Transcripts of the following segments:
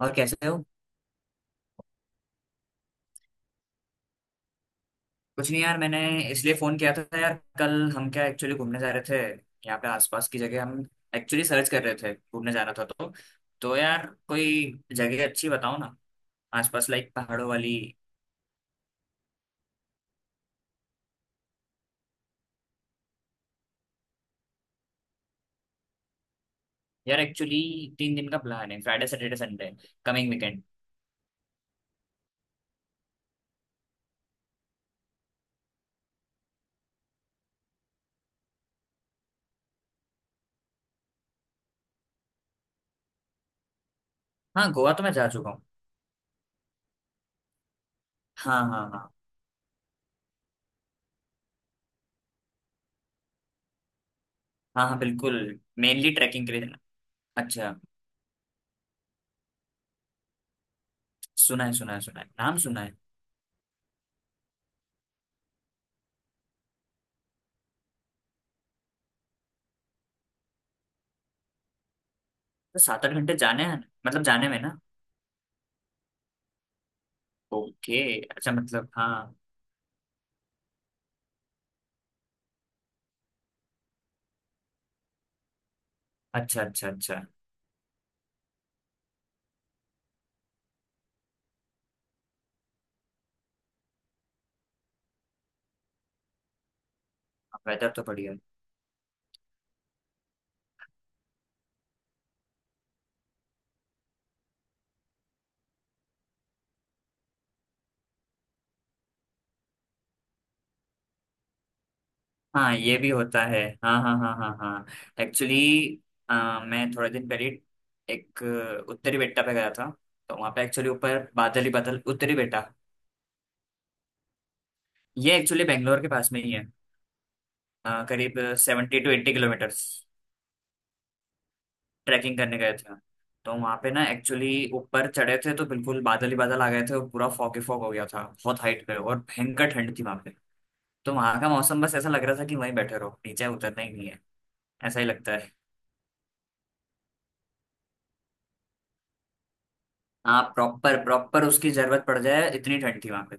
और कैसे हो। कुछ नहीं यार, मैंने इसलिए फोन किया था। यार, कल हम क्या एक्चुअली घूमने जा रहे थे। यहाँ पे आसपास की जगह हम एक्चुअली सर्च कर रहे थे, घूमने जाना था। तो यार कोई जगह अच्छी बताओ ना, आसपास लाइक पहाड़ों वाली। यार एक्चुअली 3 दिन का प्लान है, Friday Saturday Sunday, coming weekend. हाँ, गोवा तो मैं जा चुका हूँ। हाँ हाँ हाँ हाँ हाँ, बिल्कुल। मेनली ट्रैकिंग के लिए जाना। अच्छा। सुना है सुना है सुना है, नाम सुना है। तो सात आठ घंटे जाने हैं, मतलब जाने में ना। ओके, अच्छा, मतलब हाँ। अच्छा अच्छा अच्छा। वेदर तो बढ़िया है। हाँ ये भी होता है। हाँ हाँ हाँ हाँ हाँ। एक्चुअली मैं थोड़े दिन पहले एक उत्तरी बेट्टा पे गया था। तो वहाँ पे एक्चुअली ऊपर बादल ही बादल, उत्तरी बेट्टा। ये एक्चुअली बेंगलोर के पास में ही है। करीब 70-80 किलोमीटर्स। ट्रैकिंग करने गए थे। तो वहाँ पे ना एक्चुअली ऊपर चढ़े थे तो बिल्कुल बादल ही बादल आ गए थे, और पूरा फॉग ही फॉग हो गया था, बहुत हाइट पे, और भयंकर ठंड थी वहाँ पे। तो वहाँ का मौसम, बस ऐसा लग रहा था कि वहीं बैठे रहो, नीचे उतरना ही नहीं है। ऐसा ही लगता है। हाँ प्रॉपर प्रॉपर, उसकी जरूरत पड़ जाए इतनी ठंड थी वहां पे।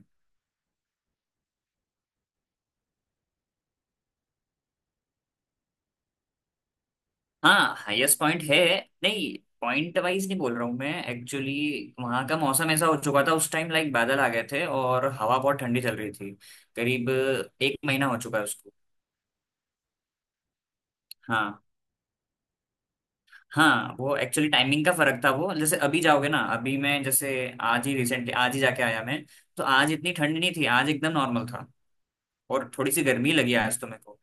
हाँ हाईएस्ट पॉइंट है। नहीं, पॉइंट वाइज नहीं बोल रहा हूँ मैं। एक्चुअली वहाँ का मौसम ऐसा हो चुका था उस टाइम, लाइक बादल आ गए थे और हवा बहुत ठंडी चल रही थी। करीब एक महीना हो चुका है उसको। हाँ। हाँ वो एक्चुअली टाइमिंग का फर्क था। वो जैसे अभी जाओगे ना, अभी मैं जैसे आज ही रिसेंटली, आज ही जाके आया मैं। तो आज इतनी ठंड नहीं थी, आज एकदम नॉर्मल था। और थोड़ी सी गर्मी लगी आज तो मेरे को।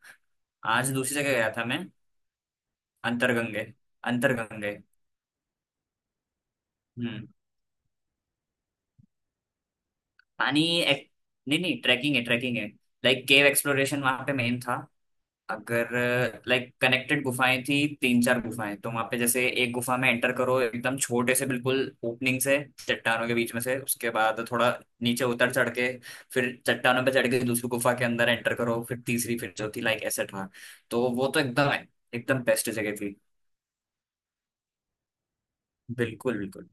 आज दूसरी जगह गया था मैं। अंतरगंगे। अंतरगंगे। हम्म। पानी एक, नहीं नहीं, ट्रैकिंग है ट्रैकिंग है। लाइक केव एक्सप्लोरेशन वहां पे मेन था। अगर, लाइक कनेक्टेड गुफाएं थी। 3-4 गुफाएं। तो वहां पे जैसे एक गुफा में एंटर करो, एकदम छोटे से बिल्कुल ओपनिंग से, चट्टानों के बीच में से, उसके बाद थोड़ा नीचे उतर चढ़ के, फिर चट्टानों पे चढ़ के दूसरी गुफा के अंदर एंटर करो, फिर तीसरी, फिर चौथी, लाइक ऐसे था। तो वो तो एकदम है, एकदम बेस्ट जगह थी। बिल्कुल बिल्कुल।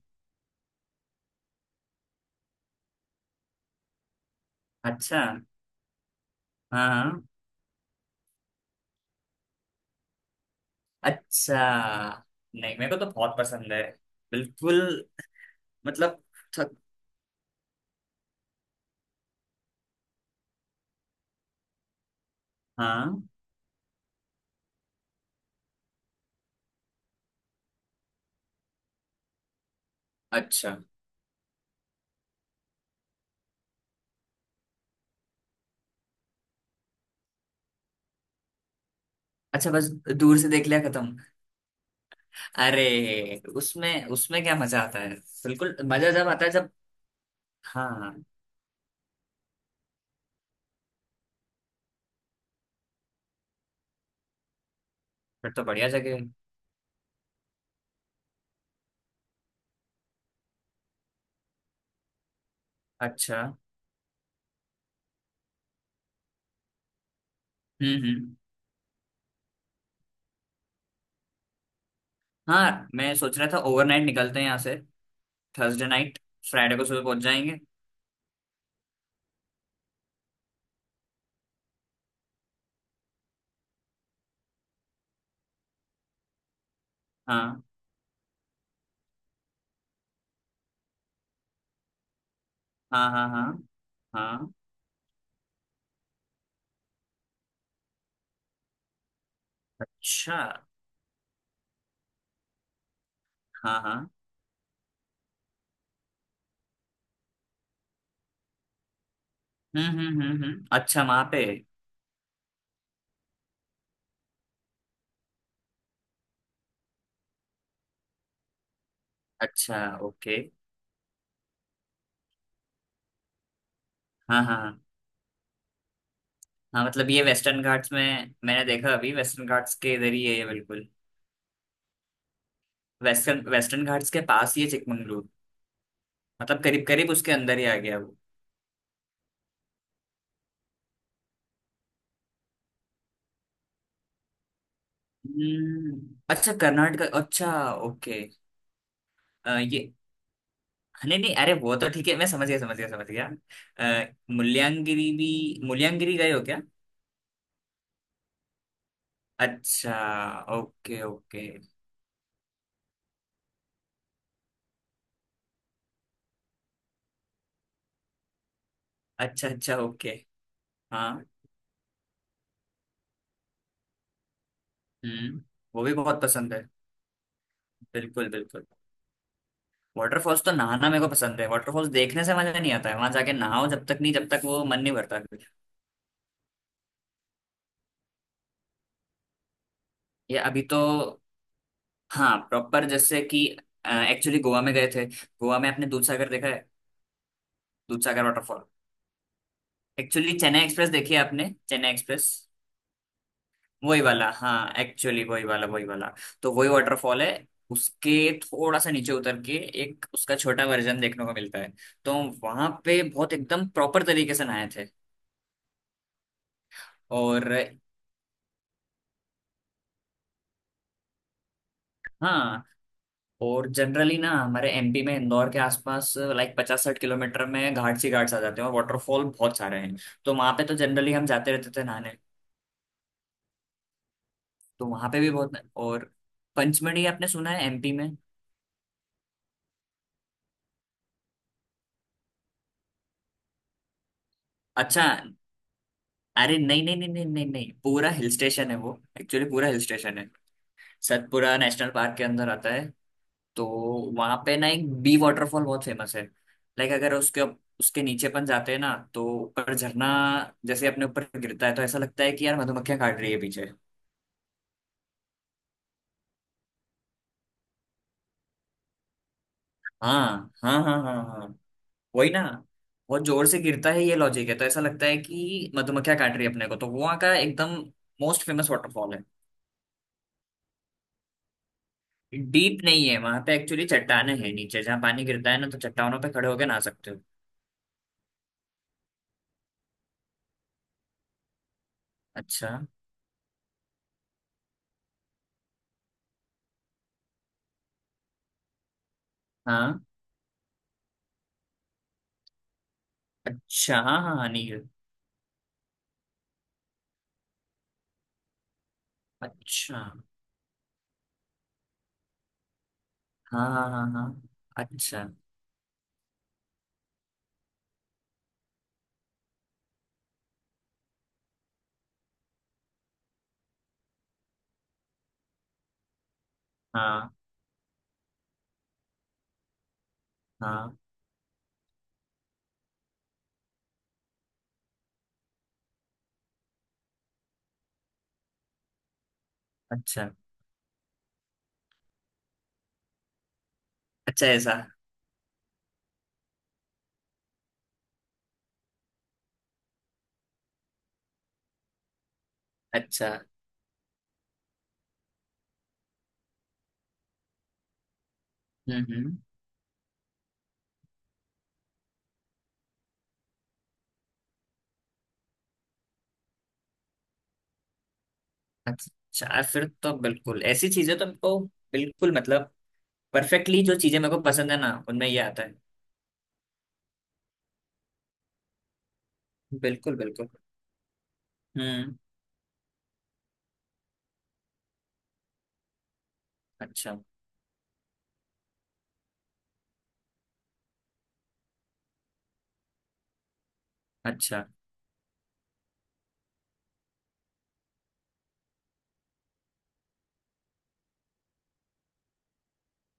अच्छा। हाँ हाँ। अच्छा। नहीं, मेरे को तो बहुत पसंद है, बिल्कुल। मतलब, थक, हाँ। अच्छा अच्छा। बस दूर से देख लिया, खत्म। अरे उसमें उसमें क्या मजा आता है। बिल्कुल, मजा जब आता है जब। हाँ, फिर तो बढ़िया जगह है। अच्छा। हम्म। हाँ मैं सोच रहा था ओवरनाइट निकलते हैं यहाँ से, थर्सडे नाइट, फ्राइडे को सुबह पहुंच जाएंगे। हाँ हाँ हाँ हाँ हाँ। अच्छा। हाँ हाँ। हम्म। अच्छा वहाँ पे। अच्छा, ओके। हाँ हाँ हाँ हाँ। मतलब ये वेस्टर्न घाट्स में, मैंने देखा अभी वेस्टर्न घाट्स के इधर ही है ये बिल्कुल। वेस्टर्न वेस्टर्न घाट्स के पास ही है चिकमंगलूर। मतलब करीब करीब उसके अंदर ही आ गया वो। अच्छा, कर्नाटक, अच्छा। ओके। ये, नहीं नहीं, अरे वो तो ठीक है, मैं समझ गया समझ गया समझ गया। मुल्यांगिरी भी, मुल्यांगिरी गए हो क्या? अच्छा। Okay okay. अच्छा अच्छा, ओके। हाँ। हम्म। वो भी बहुत पसंद है। बिल्कुल बिल्कुल। वाटरफॉल्स तो नहाना मेरे को पसंद है, वाटरफॉल्स देखने से मजा नहीं आता है। वहां जाके नहाओ, जब तक नहीं, जब तक वो मन नहीं भरता, फिर। ये अभी तो, हाँ प्रॉपर जैसे कि, एक्चुअली गोवा में गए थे। गोवा में आपने दूधसागर देखा है? Dudhsagar waterfall. Actually Chennai Express देखी है आपने? चेन्नई एक्सप्रेस। वही वाला, हाँ एक्चुअली वही वाला वही वाला। तो वही वाटरफॉल है। उसके थोड़ा सा नीचे उतर के एक उसका छोटा वर्जन देखने को मिलता है। तो वहां पे बहुत एकदम प्रॉपर तरीके से नहाए थे। और, हाँ। और जनरली ना हमारे एमपी में इंदौर के आसपास लाइक 50-60 किलोमीटर में घाट्स ही घाट्स आ जाते हैं, और वाटरफॉल बहुत सारे हैं। तो वहां पे तो जनरली हम जाते रहते थे नहाने। तो वहां पे भी बहुत। और पंचमढ़ी आपने सुना है, एमपी में? अच्छा, अरे नहीं नहीं नहीं नहीं नहीं नहीं, पूरा हिल स्टेशन है वो, एक्चुअली पूरा हिल स्टेशन है। सतपुरा नेशनल पार्क के अंदर आता है। तो वहां पे ना एक बी वाटरफॉल बहुत फेमस है। लाइक अगर उसके, उसके नीचे अपन जाते हैं ना, तो ऊपर झरना जैसे अपने ऊपर गिरता है तो ऐसा लगता है कि यार मधुमक्खियां काट रही है पीछे। हाँ हाँ हाँ हाँ हाँ। वही ना, बहुत जोर से गिरता है, ये लॉजिक है। तो ऐसा लगता है कि मधुमक्खियां काट रही है अपने को। तो वहाँ का एकदम मोस्ट फेमस वाटरफॉल है। डीप नहीं है वहां पे, एक्चुअली चट्टाने हैं नीचे जहाँ पानी गिरता है ना, तो चट्टानों पे खड़े होके नहा सकते हो। अच्छा। हाँ। अच्छा हाँ हाँ हाँ, नील। अच्छा हाँ हाँ हाँ। हाँ, अच्छा। हाँ हाँ। अच्छा, अच्छा, ऐसा। अच्छा। हम्म। अच्छा यार, फिर तो बिल्कुल ऐसी चीजें तो हमको, बिल्कुल। मतलब परफेक्टली जो चीजें मेरे को पसंद है ना उनमें ये आता है। बिल्कुल बिल्कुल। हम्म। अच्छा। अच्छा।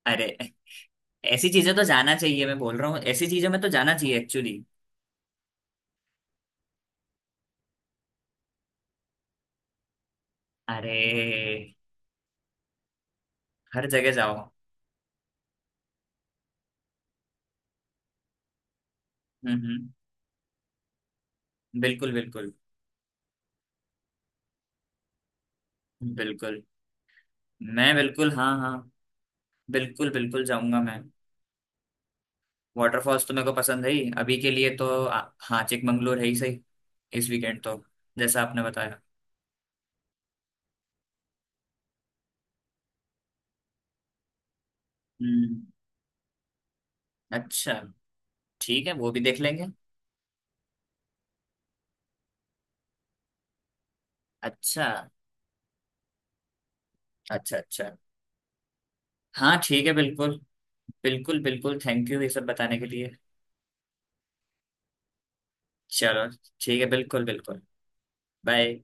अरे ऐसी चीजें तो जाना चाहिए, मैं बोल रहा हूँ, ऐसी चीजों में तो जाना चाहिए एक्चुअली। अरे, हर जगह जाओ। हम्म। बिल्कुल बिल्कुल। बिल्कुल, मैं बिल्कुल, हाँ हाँ, बिल्कुल बिल्कुल जाऊंगा मैं। वाटरफॉल्स तो मेरे को पसंद है ही। अभी के लिए तो हाँ, चिकमंगलूर है ही सही। इस वीकेंड तो, जैसा आपने बताया। हम्म। अच्छा ठीक है, वो भी देख लेंगे। अच्छा अच्छा। अच्छा, हाँ ठीक है, बिल्कुल बिल्कुल। बिल्कुल, थैंक यू ये सब बताने के लिए। चलो, ठीक है, बिल्कुल बिल्कुल। बाय।